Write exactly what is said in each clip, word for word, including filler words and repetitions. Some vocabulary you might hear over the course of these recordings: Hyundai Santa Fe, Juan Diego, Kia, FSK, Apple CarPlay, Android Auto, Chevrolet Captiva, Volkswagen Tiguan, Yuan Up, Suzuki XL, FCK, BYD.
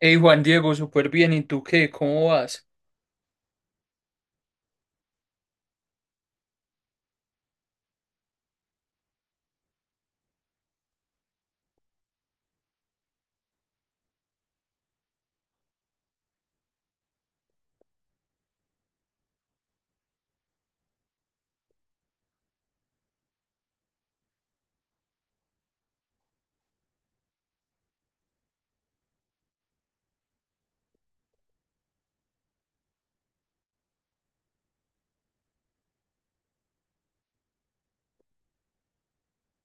Hey Juan Diego, súper bien. ¿Y tú qué? ¿Cómo vas?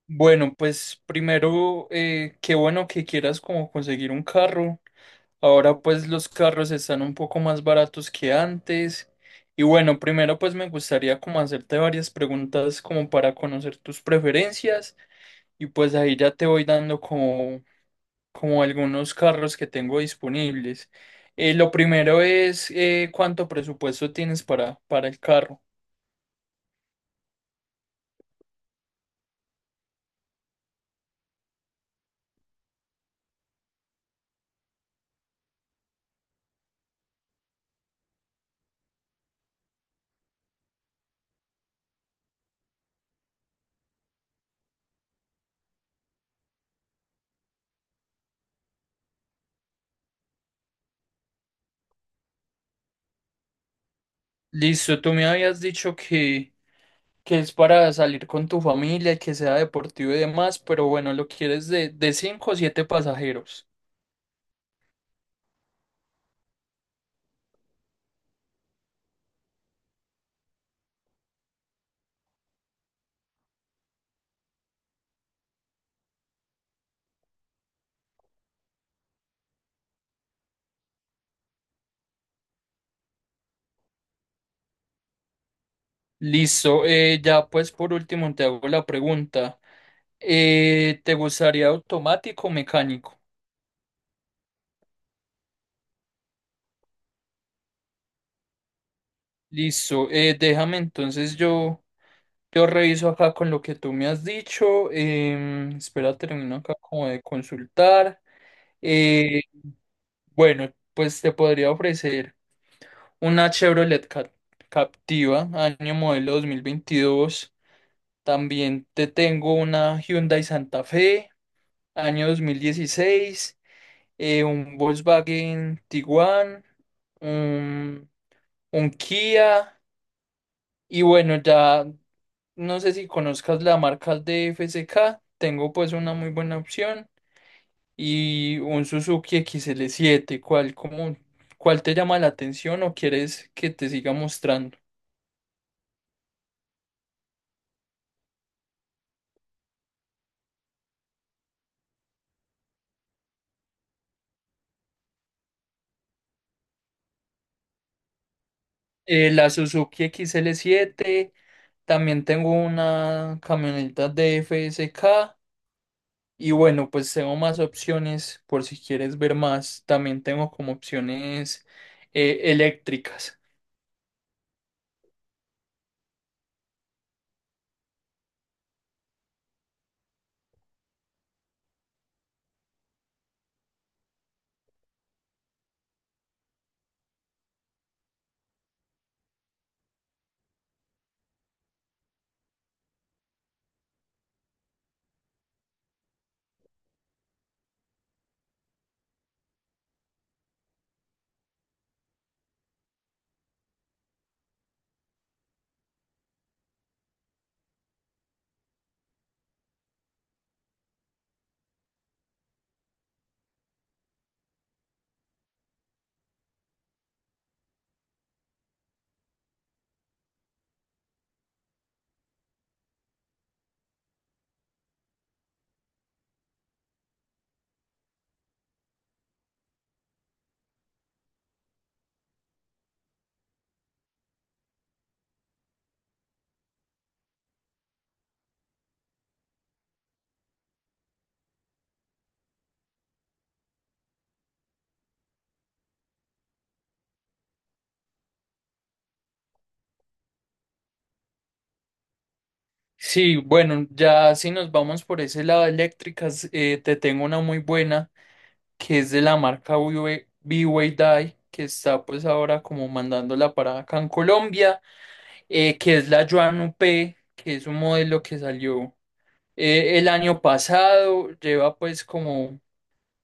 Bueno, pues primero, eh, qué bueno que quieras como conseguir un carro. Ahora pues los carros están un poco más baratos que antes. Y bueno, primero pues me gustaría como hacerte varias preguntas como para conocer tus preferencias y pues ahí ya te voy dando como, como algunos carros que tengo disponibles. Eh, lo primero es eh, ¿cuánto presupuesto tienes para, para el carro? Listo, tú me habías dicho que que es para salir con tu familia, y que sea deportivo y demás, pero bueno, lo quieres de, de cinco o siete pasajeros. Listo, eh, ya pues por último te hago la pregunta. Eh, ¿te gustaría automático o mecánico? Listo, eh, déjame entonces yo, yo reviso acá con lo que tú me has dicho. Em, espera, termino acá como de consultar. Eh, bueno, pues te podría ofrecer. Una Chevrolet Cap- Captiva, año modelo dos mil veintidós. También te tengo una Hyundai Santa Fe, año dos mil dieciséis. Eh, un Volkswagen Tiguan, un, un Kia. Y bueno, ya no sé si conozcas la marca de F C K. Tengo pues una muy buena opción. Y un Suzuki X L siete. ¿Cuál, cómo- cuál te llama la atención o quieres que te siga mostrando? Eh, la Suzuki X L siete. También tengo una camioneta de F S K y bueno, pues tengo más opciones por si quieres ver más, también tengo como opciones eh, eléctricas. Sí, bueno, ya si nos vamos por ese lado eléctricas, eh, te tengo una muy buena que es de la marca B Y D, que está pues ahora como mandándola para acá en Colombia, eh, que es la Yuan Up, que es un modelo que salió. Eh, el año pasado lleva pues como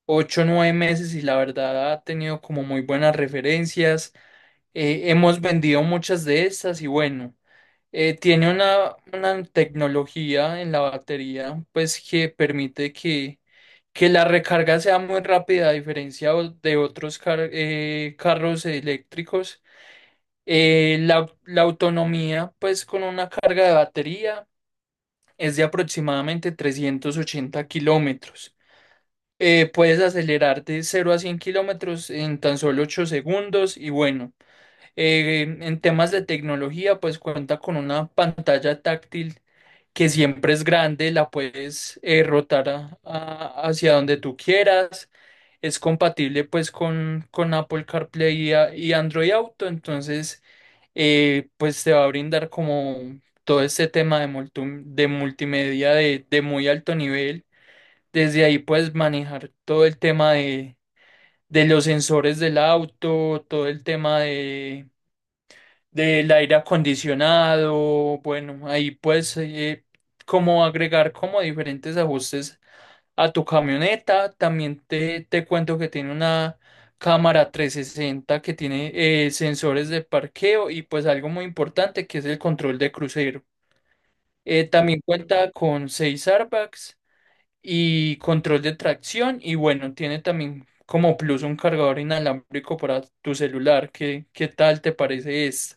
ocho o nueve meses y la verdad ha tenido como muy buenas referencias. Eh, hemos vendido muchas de estas y bueno, eh, tiene una, una tecnología en la batería pues que permite que, que la recarga sea muy rápida a diferencia o- de otros car- eh, carros eléctricos. Eh, la, la autonomía pues con una carga de batería es de aproximadamente trescientos ochenta kilómetros. Eh, puedes acelerar de cero a cien kilómetros en tan solo ocho segundos y bueno, eh, en temas de tecnología pues cuenta con una pantalla táctil que siempre es grande. La puedes eh, rotar a- a- hacia donde tú quieras. Es compatible pues con, con Apple CarPlay y, a- y Android Auto, entonces eh, pues te va a brindar como todo este tema de, multu- de multimedia de, de muy alto nivel. Desde ahí puedes manejar todo el tema de, de los sensores del auto, todo el tema del aire acondicionado, bueno, ahí puedes eh, como agregar como diferentes ajustes a tu camioneta. También te, te cuento que tiene una cámara trescientos sesenta que tiene eh, sensores de parqueo y pues algo muy importante que es el control de crucero. Eh, también cuenta con seis airbags y control de tracción y bueno, tiene también como plus un cargador inalámbrico para tu celular. ¿Qué, qué tal te parece este?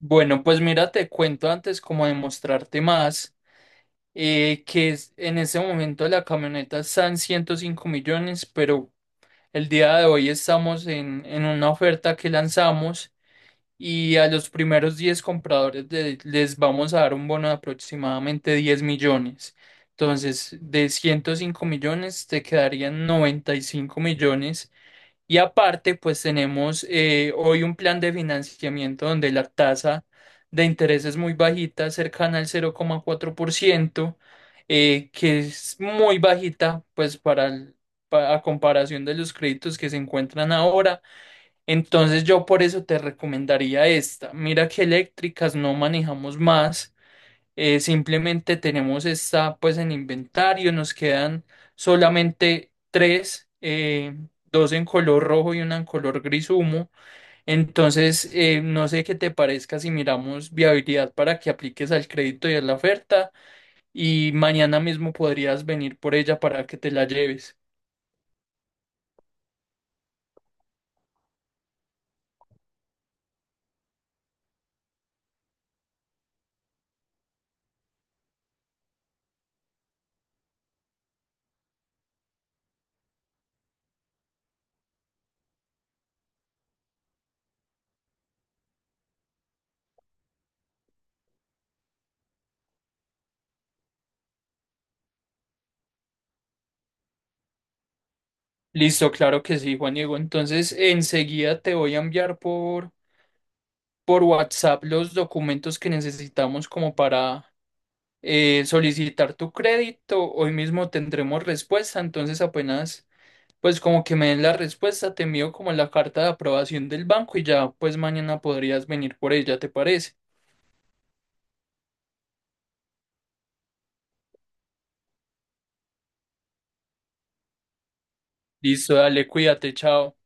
Bueno, pues mira, te cuento antes como demostrarte más, eh, que es- en ese momento la camioneta está en ciento cinco millones, pero el día de hoy estamos en, en una oferta que lanzamos y a los primeros diez compradores de- les vamos a dar un bono de aproximadamente diez millones. Entonces, de ciento cinco millones te quedarían noventa y cinco millones y aparte, pues tenemos eh, hoy un plan de financiamiento donde la tasa de interés es muy bajita, cercana al cero coma cuatro por ciento, eh, que es muy bajita, pues para el- pa- a comparación de los créditos que se encuentran ahora. Entonces yo por eso te recomendaría esta. Mira que eléctricas no manejamos más. Eh, simplemente tenemos esta pues en inventario, nos quedan solamente tres, eh, dos en color rojo y una en color gris humo. Entonces, eh, no sé qué te parezca si miramos viabilidad para que apliques al crédito y a la oferta y mañana mismo podrías venir por ella para que te la lleves. Listo, claro que sí, Juan Diego. Entonces, enseguida te voy a enviar por, por WhatsApp los documentos que necesitamos como para eh, solicitar tu crédito. Hoy mismo tendremos respuesta. Entonces apenas, pues como que me den la respuesta, te envío como la carta de aprobación del banco y ya pues mañana podrías venir por ella, ¿te parece? Listo, dale, cuídate, chao.